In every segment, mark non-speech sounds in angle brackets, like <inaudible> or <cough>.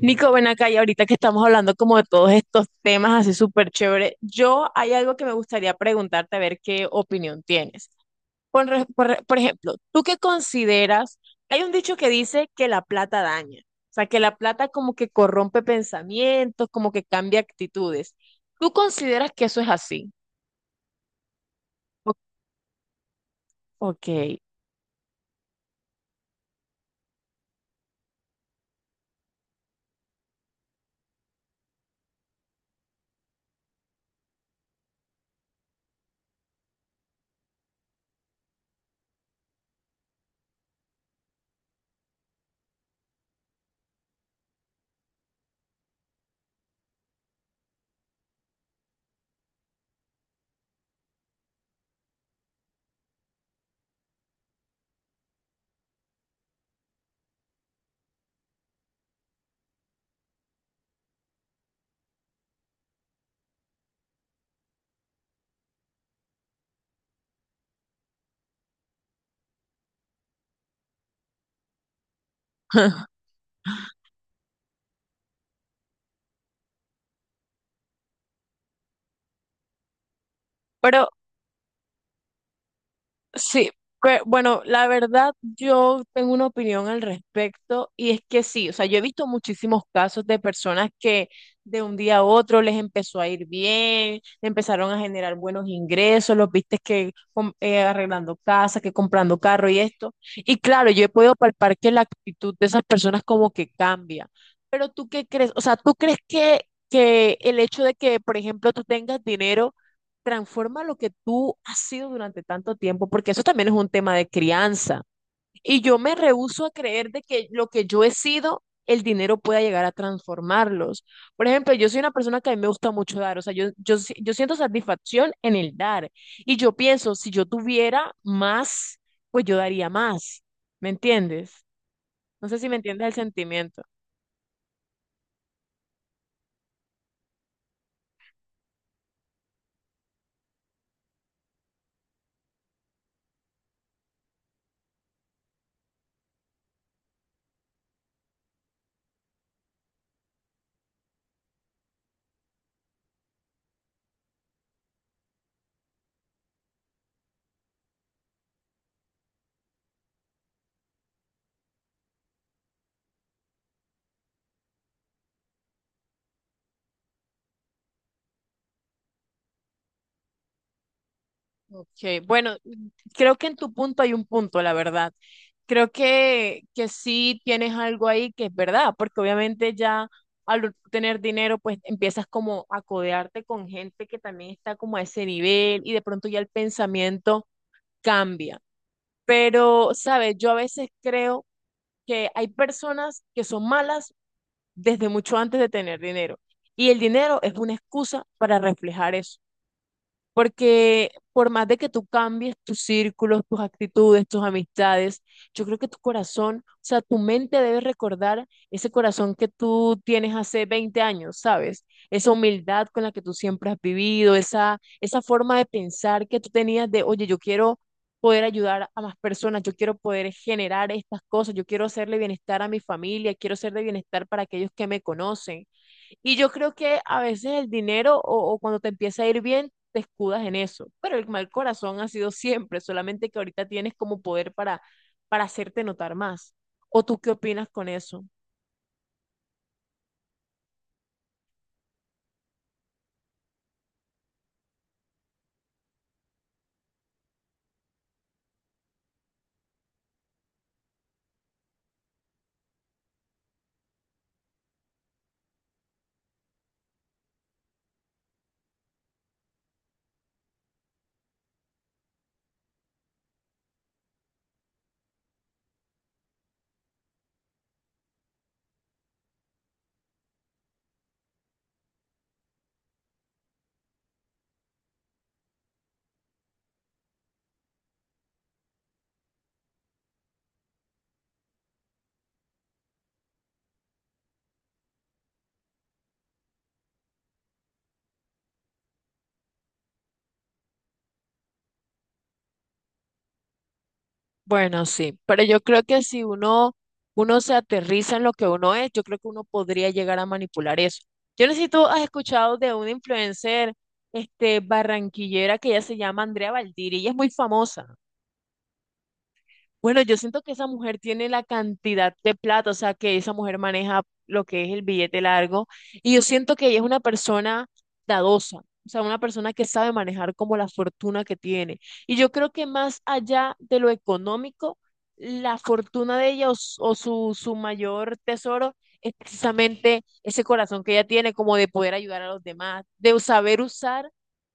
Nico, ven acá y ahorita que estamos hablando como de todos estos temas así súper chévere, yo hay algo que me gustaría preguntarte a ver qué opinión tienes. Por ejemplo, ¿tú qué consideras? Hay un dicho que dice que la plata daña, o sea, que la plata como que corrompe pensamientos, como que cambia actitudes. ¿Tú consideras que eso es así? O- ok. <laughs> Pero sí, pero bueno, la verdad yo tengo una opinión al respecto y es que sí, o sea, yo he visto muchísimos casos de personas que de un día a otro les empezó a ir bien, empezaron a generar buenos ingresos, los viste que arreglando casa, que comprando carro y esto. Y claro, yo he podido palpar que la actitud de esas personas como que cambia. Pero tú qué crees, o sea, ¿tú crees que el hecho de que, por ejemplo, tú tengas dinero transforma lo que tú has sido durante tanto tiempo? Porque eso también es un tema de crianza. Y yo me rehúso a creer de que lo que yo he sido, el dinero pueda llegar a transformarlos. Por ejemplo, yo soy una persona que a mí me gusta mucho dar, o sea, yo siento satisfacción en el dar. Y yo pienso, si yo tuviera más, pues yo daría más. ¿Me entiendes? No sé si me entiendes el sentimiento. Ok, bueno, creo que en tu punto hay un punto, la verdad. Creo que sí tienes algo ahí que es verdad, porque obviamente ya al tener dinero, pues empiezas como a codearte con gente que también está como a ese nivel y de pronto ya el pensamiento cambia. Pero, ¿sabes? Yo a veces creo que hay personas que son malas desde mucho antes de tener dinero y el dinero es una excusa para reflejar eso. Porque por más de que tú cambies tus círculos, tus actitudes, tus amistades, yo creo que tu corazón, o sea, tu mente debe recordar ese corazón que tú tienes hace 20 años, ¿sabes? Esa humildad con la que tú siempre has vivido, esa forma de pensar que tú tenías de, oye, yo quiero poder ayudar a más personas, yo quiero poder generar estas cosas, yo quiero hacerle bienestar a mi familia, quiero hacerle bienestar para aquellos que me conocen. Y yo creo que a veces el dinero o cuando te empieza a ir bien, te escudas en eso. Pero el mal corazón ha sido siempre, solamente que ahorita tienes como poder para hacerte notar más. ¿O tú qué opinas con eso? Bueno, sí, pero yo creo que si uno, uno se aterriza en lo que uno es, yo creo que uno podría llegar a manipular eso. Yo no sé si tú has escuchado de una influencer, este, barranquillera que ella se llama Andrea Valdiri, ella es muy famosa. Bueno, yo siento que esa mujer tiene la cantidad de plata, o sea, que esa mujer maneja lo que es el billete largo, y yo siento que ella es una persona dadosa, o sea, una persona que sabe manejar como la fortuna que tiene. Y yo creo que más allá de lo económico, la fortuna de ella o su mayor tesoro es precisamente ese corazón que ella tiene, como de poder ayudar a los demás, de saber usar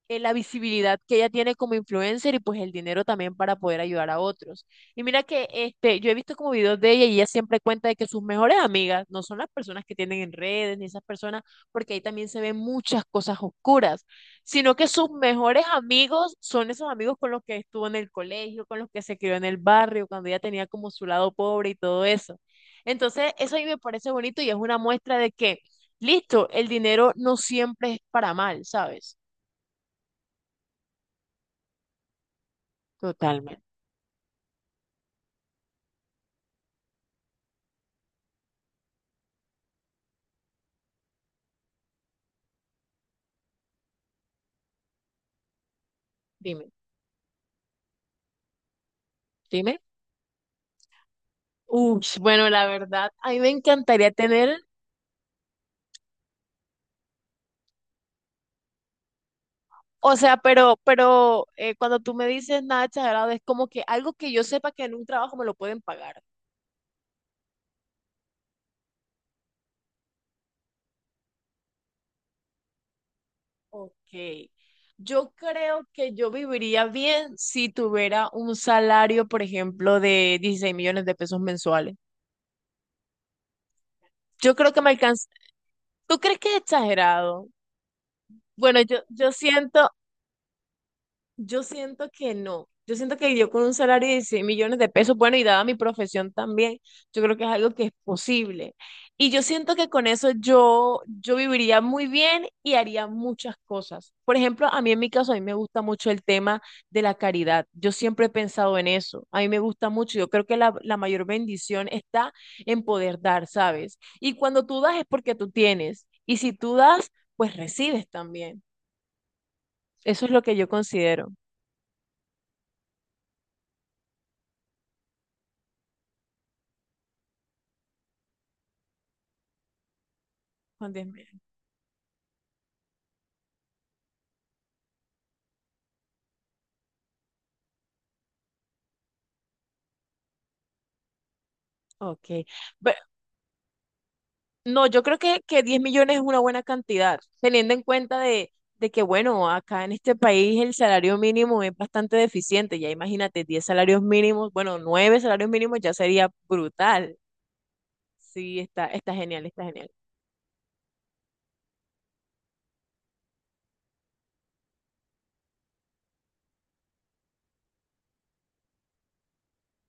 la visibilidad que ella tiene como influencer y pues el dinero también para poder ayudar a otros. Y mira que este, yo he visto como videos de ella y ella siempre cuenta de que sus mejores amigas no son las personas que tienen en redes ni esas personas, porque ahí también se ven muchas cosas oscuras, sino que sus mejores amigos son esos amigos con los que estuvo en el colegio, con los que se crió en el barrio, cuando ella tenía como su lado pobre y todo eso. Entonces, eso a mí me parece bonito y es una muestra de que, listo, el dinero no siempre es para mal, ¿sabes? Totalmente. Dime, dime. Uy, bueno, la verdad, a mí me encantaría tener. O sea, pero, pero cuando tú me dices nada exagerado, es como que algo que yo sepa que en un trabajo me lo pueden pagar. Ok. Yo creo que yo viviría bien si tuviera un salario, por ejemplo, de 16 millones de pesos mensuales. Yo creo que me alcanza. ¿Tú crees que es exagerado? Bueno, yo siento. Yo siento que no. Yo siento que yo con un salario de 16 millones de pesos, bueno, y dada mi profesión también, yo creo que es algo que es posible. Y yo siento que con eso yo viviría muy bien y haría muchas cosas. Por ejemplo, a mí en mi caso, a mí me gusta mucho el tema de la caridad. Yo siempre he pensado en eso. A mí me gusta mucho. Yo creo que la mayor bendición está en poder dar, ¿sabes? Y cuando tú das es porque tú tienes. Y si tú das, pues recibes también. Eso es lo que yo considero. Juan Dios. Ok. Ve- No, yo creo que 10 millones es una buena cantidad, teniendo en cuenta de que, bueno, acá en este país el salario mínimo es bastante deficiente. Ya imagínate, 10 salarios mínimos, bueno, 9 salarios mínimos ya sería brutal. Sí, está, está genial, está genial.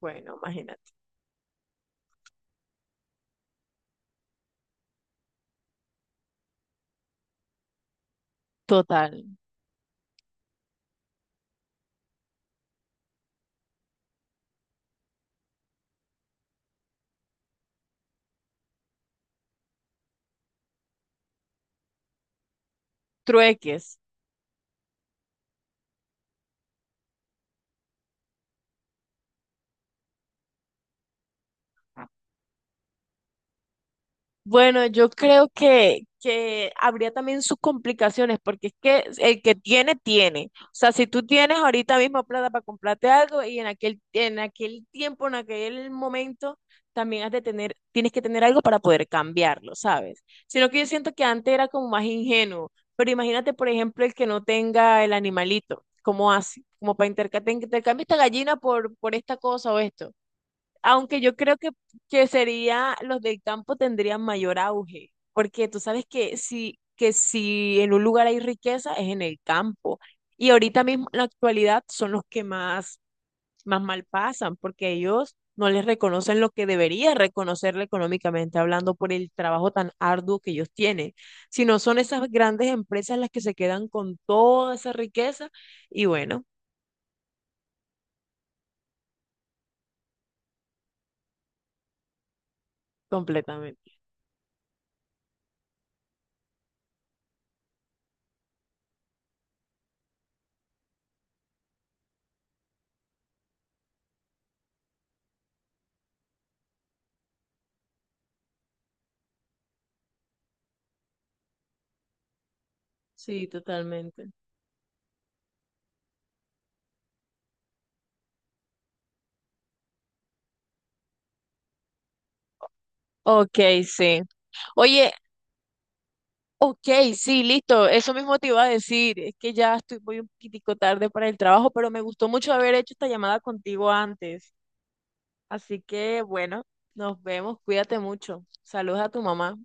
Bueno, imagínate. Total. Trueques. Bueno, yo creo que habría también sus complicaciones, porque es que el que tiene, tiene. O sea, si tú tienes ahorita mismo plata para comprarte algo y en aquel tiempo, en aquel momento, también has de tener, tienes que tener algo para poder cambiarlo, ¿sabes? Sino que yo siento que antes era como más ingenuo, pero imagínate, por ejemplo, el que no tenga el animalito, ¿cómo hace? Como para intercambiar, te intercambio esta gallina por esta cosa o esto. Aunque yo creo que sería, los del campo tendrían mayor auge, porque tú sabes que si en un lugar hay riqueza es en el campo. Y ahorita mismo, en la actualidad, son los que más, más mal pasan, porque ellos no les reconocen lo que debería reconocerle económicamente hablando por el trabajo tan arduo que ellos tienen, sino son esas grandes empresas las que se quedan con toda esa riqueza y bueno, completamente. Sí, totalmente. Ok, sí. Oye, ok, sí, listo. Eso mismo te iba a decir. Es que ya estoy, voy un poquitico tarde para el trabajo, pero me gustó mucho haber hecho esta llamada contigo antes. Así que, bueno, nos vemos. Cuídate mucho. Saludos a tu mamá.